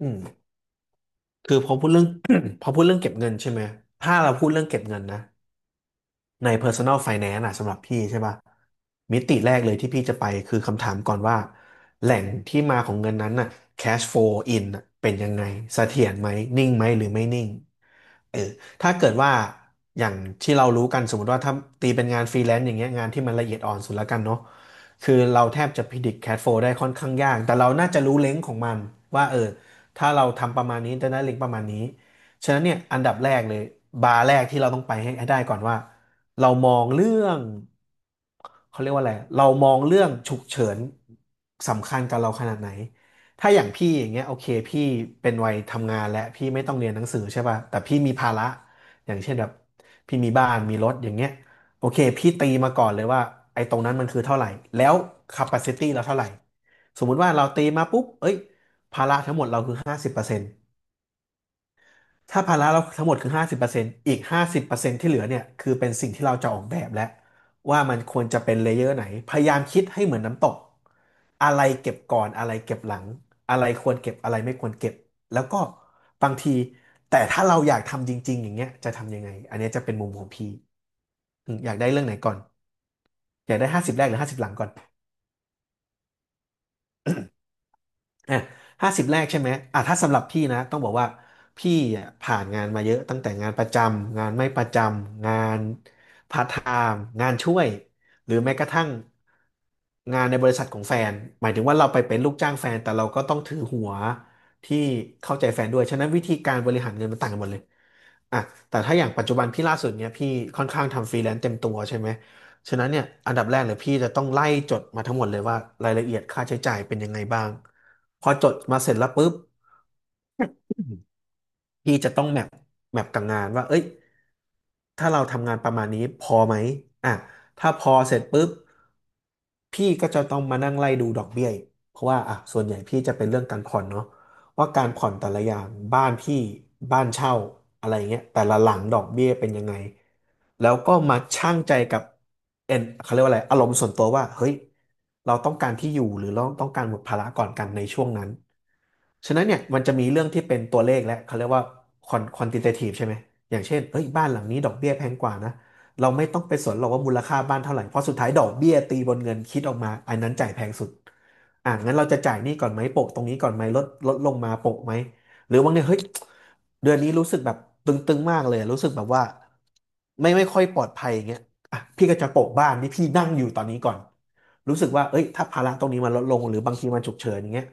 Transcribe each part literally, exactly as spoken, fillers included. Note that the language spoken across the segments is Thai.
อืมคือพอพูดเรื่อง พอพูดเรื่องเก็บเงินใช่ไหมถ้าเราพูดเรื่องเก็บเงินนะใน Personal Finance อะสำหรับพี่ใช่ป่ะมิติแรกเลยที่พี่จะไปคือคำถามก่อนว่าแหล่งที่มาของเงินนั้นน่ะ cash flow in น่ะเป็นยังไงเสถียรไหมนิ่งไหมหรือไม่นิ่ง เออถ้าเกิดว่าอย่างที่เรารู้กันสมมติว่าถ้าตีเป็นงานฟรีแลนซ์อย่างเงี้ยงานที่มันละเอียดอ่อนสุดแล้วกันเนาะคือเราแทบจะพิดิกแคชโฟได้ค่อนข้างยากแต่เราน่าจะรู้เล็งของมันว่าเออถ้าเราทำประมาณนี้จะได้เล็งประมาณนี้ฉะนั้นเนี่ยอันดับแรกเลยบาร์แรกที่เราต้องไปให้ให้ได้ก่อนว่าเรามองเรื่องเขาเรียกว่าอะไรเรามองเรื่องฉุกเฉินสำคัญกับเราขนาดไหน ถ้าอย่างพี่อย่างเงี้ยโอเคพี่เป็นวัยทำงานและพี่ไม่ต้องเรียนหนังสือใช่ป่ะแต่พี่มีภาระอย่างเช่นแบบพี่มีบ้านมีรถอย่างเงี้ยโอเคพี่ตีมาก่อนเลยว่าไอ้ตรงนั้นมันคือเท่าไหร่แล้ว capacity เราเท่าไหร่สมมุติว่าเราตีมาปุ๊บเอ้ยภาระทั้งหมดเราคือห้าสิบเปอร์เซ็นต์ ถ้าภาระเราทั้งหมดคือห้าสิบเปอร์เซ็นต์อีกห้าสิบเปอร์เซ็นต์ที่เหลือเนี่ยคือเป็นสิ่งที่เราจะออกแบบแล้วว่ามันควรจะเป็นเลเยอร์ไหน พยายามคิดให้เหมือนน้ำตกอะไรเก็บก่อนอะไรเก็บหลังอะไรควรเก็บอะไรไม่ควรเก็บแล้วก็บางทีแต่ถ้าเราอยากทำจริงๆอย่างเงี้ยจะทำยังไงอันเนี้ยจะเป็นมุมของพี่อืมอยากได้เรื่องไหนก่อนอยากได้ห้าสิบแรกหรือห้าสิบหลังก่อน อ่ะห้าสิบแรกใช่ไหมอ่ะถ้าสำหรับพี่นะต้องบอกว่าพี่อ่ะผ่านงานมาเยอะตั้งแต่งานประจำงานไม่ประจำงานพาร์ทไทม์งานช่วยหรือแม้กระทั่งงานในบริษัทของแฟนหมายถึงว่าเราไปเป็นลูกจ้างแฟนแต่เราก็ต้องถือหัวที่เข้าใจแฟนด้วยฉะนั้นวิธีการบริหารเงินมันต่างกันหมดเลยอ่ะแต่ถ้าอย่างปัจจุบันพี่ล่าสุดเนี้ยพี่ค่อนข้างทำฟรีแลนซ์เต็มตัวใช่ไหมฉะนั้นเนี่ยอันดับแรกเลยพี่จะต้องไล่จดมาทั้งหมดเลยว่ารายละเอียดค่าใช้จ่ายเป็นยังไงบ้าง พอจดมาเสร็จแล้วปุ๊บพี่จะต้องแมปแมปกับงานว่าเอ้ยถ้าเราทำงานประมาณนี้พอไหมอ่ะถ้าพอเสร็จปุ๊บพี่ก็จะต้องมานั่งไล่ดูดอกเบี้ยอีกเพราะว่าอ่ะส่วนใหญ่พี่จะเป็นเรื่องการผ่อนเนาะ ว่าการผ่อนแต่ละอย่างบ้านพี่บ้านเช่าอะไรเงี้ยแต่ละหลังดอกเบี้ยเป็นยังไงแล้วก็มาชั่งใจกับเอ็นเขาเรียกว่าอะไรอารมณ์ส่วนตัวว่าเฮ้ยเราต้องการที่อยู่หรือเราต้องการหมดภาระก่อนกันในช่วงนั้นฉะนั้นเนี่ยมันจะมีเรื่องที่เป็นตัวเลขและเขาเรียกว่า quant- quantitative ใช่ไหมอย่างเช่นเอ้ยบ้านหลังนี้ดอกเบี้ยแพงกว่านะ เราไม่ต้องไปสนหรอกว่ามูลค่าบ้านเท่าไหร่ เพราะสุดท้ายดอกเบี้ยตีบนเงินคิดออกมาอันนั้นจ่ายแพงสุดอ่ะงั้นเราจะจ่ายหนี้ก่อนไหมโปะตรงนี้ก่อนไหมลดลดลงมาโปะไหมหรือบางเนียเฮ้ยเดือนนี้รู้สึกแบบตึงๆมากเลยรู้สึกแบบว่าไม่ไม่ค่อยปลอดภัยอย่างเงี้ยอ่ะพี่ก็จะโปะบ้านที่พี่นั่งอยู่ตอนนี้ก่อนรู้สึกว่าเอ้ยถ้าภาระตรงนี้มันลดลงหรือบางทีมันฉุกเฉินอย่างเงี้ย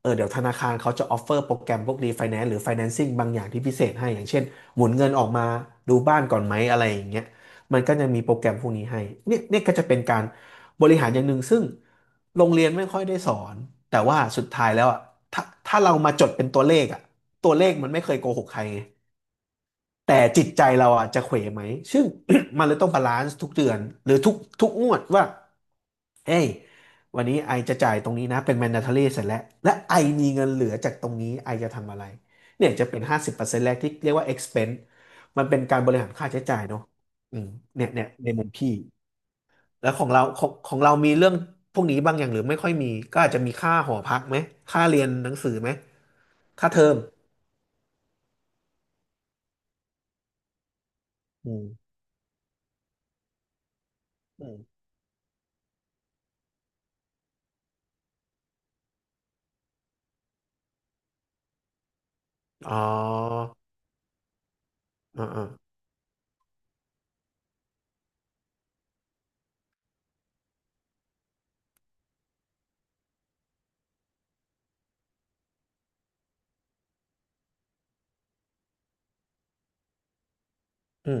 เออเดี๋ยวธนาคารเขาจะออฟเฟอร์โปรแกรมพวกรีไฟแนนซ์หรือไฟแนนซิ่งบางอย่างที่พิเศษให้อย่างเช่นหมุนเงินออกมาดูบ้านก่อนไหมอะไรอย่างเงี้ย มันก็จะมีโปรแกรมพวกนี้ให้เนี่ยเนี่ยก็จะเป็นการบริหารอย่างหนึ่งซึ่งโรงเรียนไม่ค่อยได้สอน แต่ว่าสุดท้ายแล้วอ่ะถ้าถ้าเรามาจดเป็นตัวเลขอ่ะตัวเลขมันไม่เคยโกหกใครไง แต่จิตใจเราอ่ะจะเขวไหมซึ่ง มันเลยต้องบาลานซ์ทุกเดือนหรือทุกทุกงวดว่าเฮ้ยวันนี้ไอจะจ่ายตรงนี้นะเป็น mandatory เสร็จแล้ว และไอมีเงินเหลือจากตรงนี้ไอจะทำอะไรเนี่ยจะเป็นห้าสิบเปอร์เซ็นต์แรกที่เรียกว่า expense มันเป็นการบริหารค่าใช้จ่ายเนาะอืมเนี่ยเนี่ยในมุมพี่ แล้วของเราของของเรามีเรื่องพวกนี้บ้างอย่างหรือไม่ค่อยมี ก็อาจจะมีค่าหอพักไหมค่าเรียนหนังสือไหมค่าเทอมอืมอืมอ๋ออ่าอ่าอืม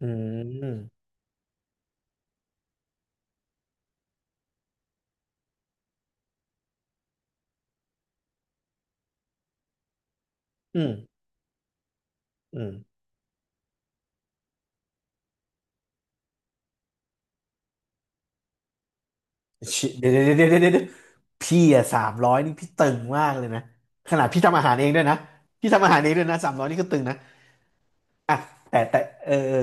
อืม อืมอืมชิเดี๋ยวเดี๋ยวเดี๋ยวเดี๋ยวเดี๋ยวพี่อะสามร้อยนี่พี่ตึงมากเลยนะขนาดพี่ทำอาหารเองด้วยนะ พี่ทำอาหารเองด้วยนะสามร้อยนี่ก็ตึงนะอ่ะแต่แต่เออเออ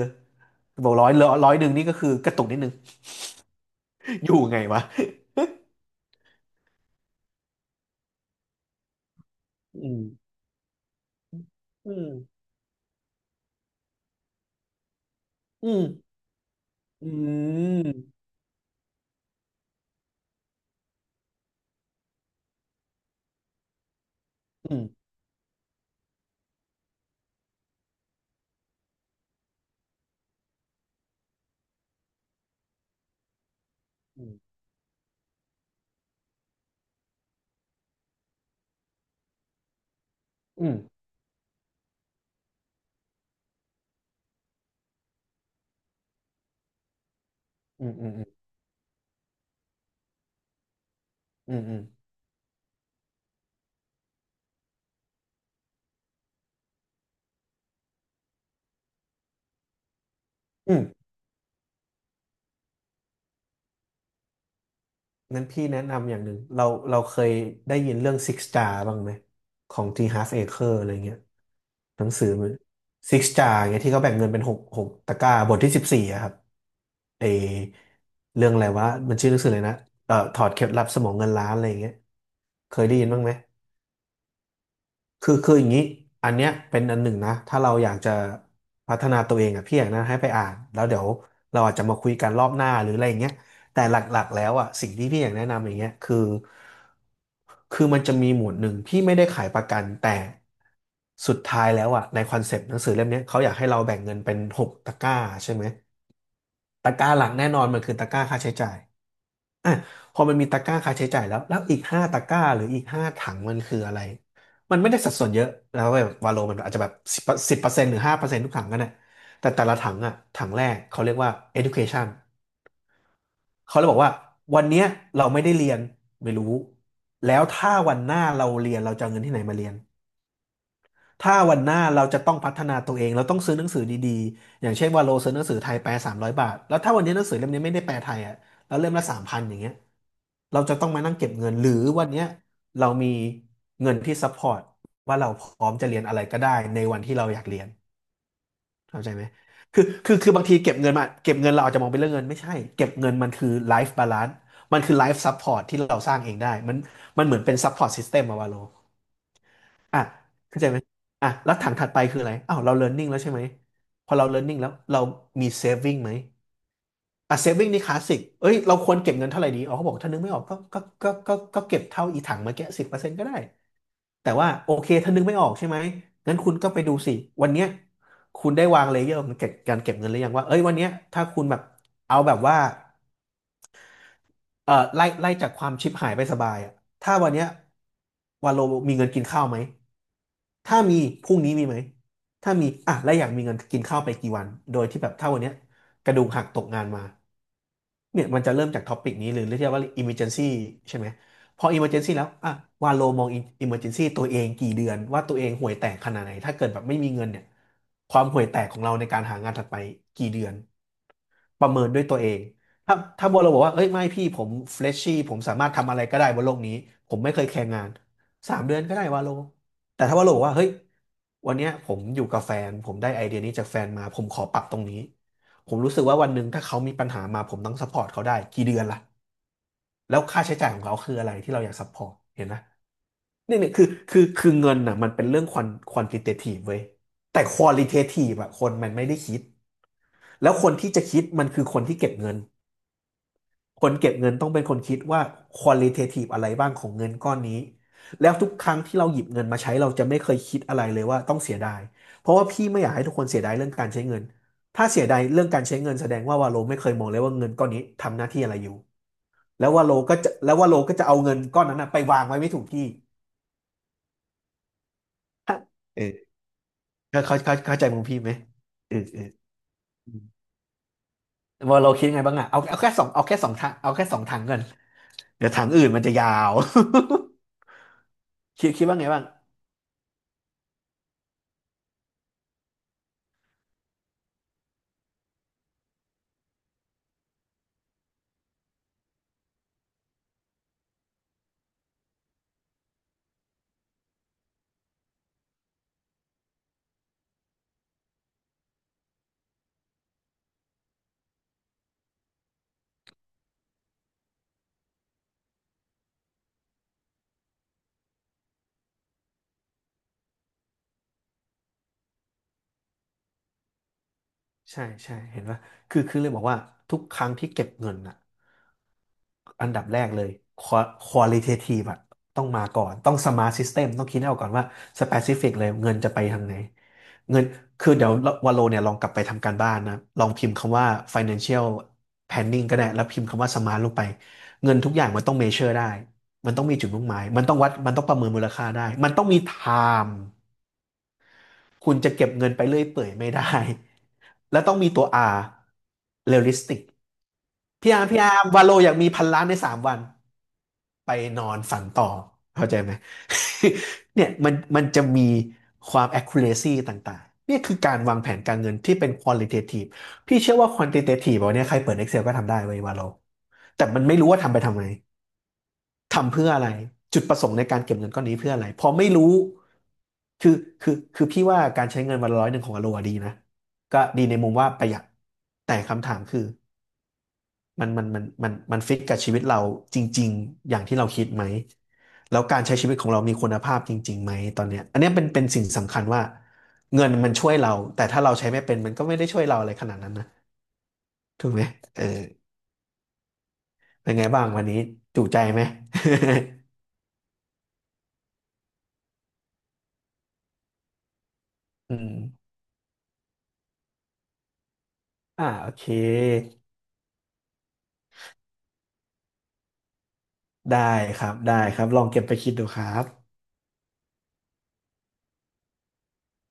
บอกร้อยร้อยร้อยหนึ่งนี่ก็คือกระตุกนิดนึง อยู่ไงวะ อืมอืมอืมอืมอืมอืมอืมอืมอืมอืมอืมอืมนั้นพี่แนะนำอย่างหนึ่งเราเราเคยได้ยินเรื่อง Six Star บ้างไหม ของ T Half Acre อะไรเงี้ย หนังสือซิกจาเงี้ยที่เขาแบ่งเงินเป็นหกหกตะกร้าบทที่สิบสี่อะครับเอเรื่องอะไรวะมันชื่อหนังสืออะไรนะเอ่อถอดเคล็ดลับสมองเงินล้านอะไรอย่างเงี้ยเคยได้ยินบ้างไหม คือคืออย่างนี้อันเนี้ยเป็นอันหนึ่งนะถ้าเราอยากจะพัฒนาตัวเองอะพี่อยากแนะนำให้ไปอ่านแล้วเดี๋ยวเราอาจจะมาคุยกันรอบหน้าหรืออะไรอย่างเงี้ยแต่หลักๆแล้วอะสิ่งที่พี่อยากแนะนำอย่างเงี้ยคือคือมันจะมีหมวดหนึ่งที่ไม่ได้ขายประกันแต่สุดท้ายแล้วอะในคอนเซปต์หนังสือเล่มเนี้ยเขาอยากให้เราแบ่งเงินเป็นหกตะกร้าใช่ไหมตะกร้าหลักแน่นอนมันคือตะกร้าค่าใช้จ่าย อ่ะพอมันมีตะกร้าค่าใช้จ่ายแล้ว แล้วอีกห้าตะกร้าหรืออีกห้าถังมันคืออะไร มันไม่ได้สัดส่วนเยอะแล้วแบบวาโลมันอาจจะแบบสิบสิบเปอร์เซ็นต์หรือห้าเปอร์เซ็นต์ทุกถังกันน่ะแต่แต่ละถังอ่ะถังแรกเขาเรียกว่า education เขาเลยบอกว่าวันเนี้ยเราไม่ได้เรียนไม่รู้ แล้วถ้าวันหน้าเราเรียนเราจะเอาเงินที่ไหนมาเรียน ถ้าวันหน้าเราจะต้องพัฒนาตัวเองเราต้องซื้อหนังสือดีๆอย่างเช่นว่าโลซื้อหนังสือไทยแปลสามร้อยบาทแล้วถ้าวันนี้หนังสือเล่มนี้ไม่ได้แปลไทยอ่ะแล้วเล่มละสามพันอย่างเงี้ยเราจะต้องมานั่งเก็บเงินหรือวันเนี้ยเรามีเงินที่ซัพพอร์ตว่าเราพร้อมจะเรียนอะไรก็ได้ในวันที่เราอยากเรียนเข้าใจไหมคือคือคือบางทีเก็บเงินมาเก็บเงินเราอาจจะมองเป็นเรื่องเงินไม่ใช่เก็บเงินมันคือไลฟ์บาลานซ์มันคือไลฟ์ซัพพอร์ตที่เราสร้างเองได้มันมันเหมือนเป็นซัพพอร์ตซิสเต็มอะวาโล อ่ะเข้าใจไหมอ่ะแล้วถังถัดไปคืออะไรอ้าวเรา learning แล้วใช่ไหมพอเรา learning แล้วเรามี saving ไหมอ่ะ saving นี่คลาสสิกเอ้ยเราควรเก็บเงินเท่าไหร่ดีอ๋อเขาบอกถ้านึกไม่ออกก็ก็ก็ก็ก็เก็บเท่าอีถังเมื่อกี้สิบเปอร์เซ็นต์ก็ได้แต่ว่าโอเคถ้านึกไม่ออกใช่ไหมงั้นคุณก็ไปดูสิวันเนี้ยคุณได้วางเลเยอร์ของเก็บการเก็บเงินหรือยังว่าเอ้ยวันเนี้ยถ้าคุณแบบเอาแบบว่า เอ่อไล่ไล่จากความชิบหายไปสบายอะถ้าวันเนี้ยวาโลมีเงินกินข้าวไหมถ้ามีพรุ่งนี้มีไหมถ้ามีอ่ะแล้วอยากมีเงินกินข้าวไปกี่วันโดยที่แบบถ้าวันเนี้ยกระดูกหักตกงานมาเนี่ยมันจะเริ่มจากท็อปิกนี้หรือเรียกว่า emergency ใช่ไหมพอ emergency แล้วอ่ะวาโลมอง emergency ตัวเองกี่เดือนว่าตัวเองห่วยแตกขนาดไหนถ้าเกิดแบบไม่มีเงินเนี่ยความห่วยแตกของเราในการหางานถัดไปกี่เดือน ประเมินด้วยตัวเอง ถ้าถ้าบัวเราบอกว่าเอ้ยไม่พี่ผมเฟรชชี่ผมสามารถทำอะไรก็ได้บนโลกนี้ผมไม่เคยแข่งงานสามเดือนก็ได้วาโลแต่ถ้าว่าเราบอกว่าเฮ้ยวันเนี้ยผมอยู่กับแฟนผมได้ไอเดียนี้จากแฟนมาผมขอปรับตรงนี้ผมรู้สึกว่าวันหนึ่งถ้าเขามีปัญหามาผมต้องซัพพอร์ตเขาได้กี่เดือนล่ะแล้วค่าใช้จ่ายของเขาคืออะไรที่เราอยากซัพพอร์ตเห็นไหมนี่เนี่ยคือคือคือเงินน่ะมันเป็นเรื่องควอนควอนติเททีฟเว้ยแต่ควอลิเททีฟอะคนมันไม่ได้คิดแล้วคนที่จะคิดมันคือคนที่เก็บเงิน คนเก็บเงินต้องเป็นคนคิดว่า qualitative อะไรบ้างของเงินก้อนนี้แล้วทุกครั้งที่เราหยิบเงินมาใช้เราจะไม่เคยคิดอะไรเลยว่าต้องเสียดายเพราะว่าพี่ไม่อยากให้ทุกคนเสียดายเรื่องการใช้เงินถ้าเสียดายเรื่องการใช้เงินแสดงว่าวาโลไม่เคยมองเลยว่าเงินก้อนนี้ทำหน้าที่อะไรอยู่แล้ววาโลก็จะแล้ววาโลก็จะเอาเงินก้อนนั้นนะไปวางไว้ไม่ถูกที่ฮะเออเข้าเข้าเข้าเข้าใจมุมพี่ไหมเออเอออวาลคิดไงบ้างอะเอาเอาแค่สองเอาแค่สองทางเอาแค่สองทางกันเดี๋ยวทางอื่นมันจะยาว คิดคิดว่าไงบ้าง ใช่ใช่เห็นว่าคือคือเลยบอกว่าทุกครั้งที่เก็บเงินอ่ะอันดับแรกเลย qualitative อลิเททีฟอะต้องมาก่อนต้อง smart system ตมต้องคิดให้ออกก่อนว่า specific เปซิฟิกเลยเงินจะไปทางไหนเงินคือเดี๋ยววาโลเนี่ยลองกลับไปทำการบ้านนะลองพิมพ์คำว่า financial planning ก็ได้แล้วพิมพ์คำว่า smart ลงไปเงินทุกอย่างมันต้อง measure ได้มันต้องมีจุดมุ่งหมายมันต้องวัดมันต้องประเมินมูลค่าได้มันต้องมีไทม์ คุณจะเก็บเงินไปเรื่อยเปื่อยไม่ได้ แล้วต้องมีตัว R realistic พี่อาร์มพี่อาร์มวาโลอยากมีพันล้านในสามวันไปนอนฝันต่อเข้าใจไหม เนี่ยมันมันจะมีความ accuracy ต่างๆเนี่ยคือการวางแผนการเงินที่เป็น qualitative พี่เชื่อว่า quantitative แบนนี้ยใครเปิด Excel ก็ทำได้เว้ยวาโลแต่มันไม่รู้ว่าทำไปทำไม ทำเพื่ออะไรจุดประสงค์ในการเก็บเงินก้อนนี้เพื่ออะไรพอไม่รู้คือคือคือพี่ว่าการใช้เงินวันละร้อยหนึ่งของอโลดีนะก็ดีในมุมว่าประหยัดแต่คำถามคือมันมันมันมันมันฟิตกับชีวิตเราจริงๆอย่างที่เราคิดไหมแล้วการใช้ชีวิตของเรามีคุณภาพจริงๆไหมตอนเนี้ยอันเนี้ยเป็นเป็นสิ่งสำคัญว่าเงินมันช่วยเราแต่ถ้าเราใช้ไม่เป็นมันก็ไม่ได้ช่วยเราอะไรขนาดนั้นนะถูกไหมเออเป็นไงบ้างวันนี้จุใจไหม อืมอ่าโอเค ได้ครับได้ครับลองเก็บไปคิดดูครับ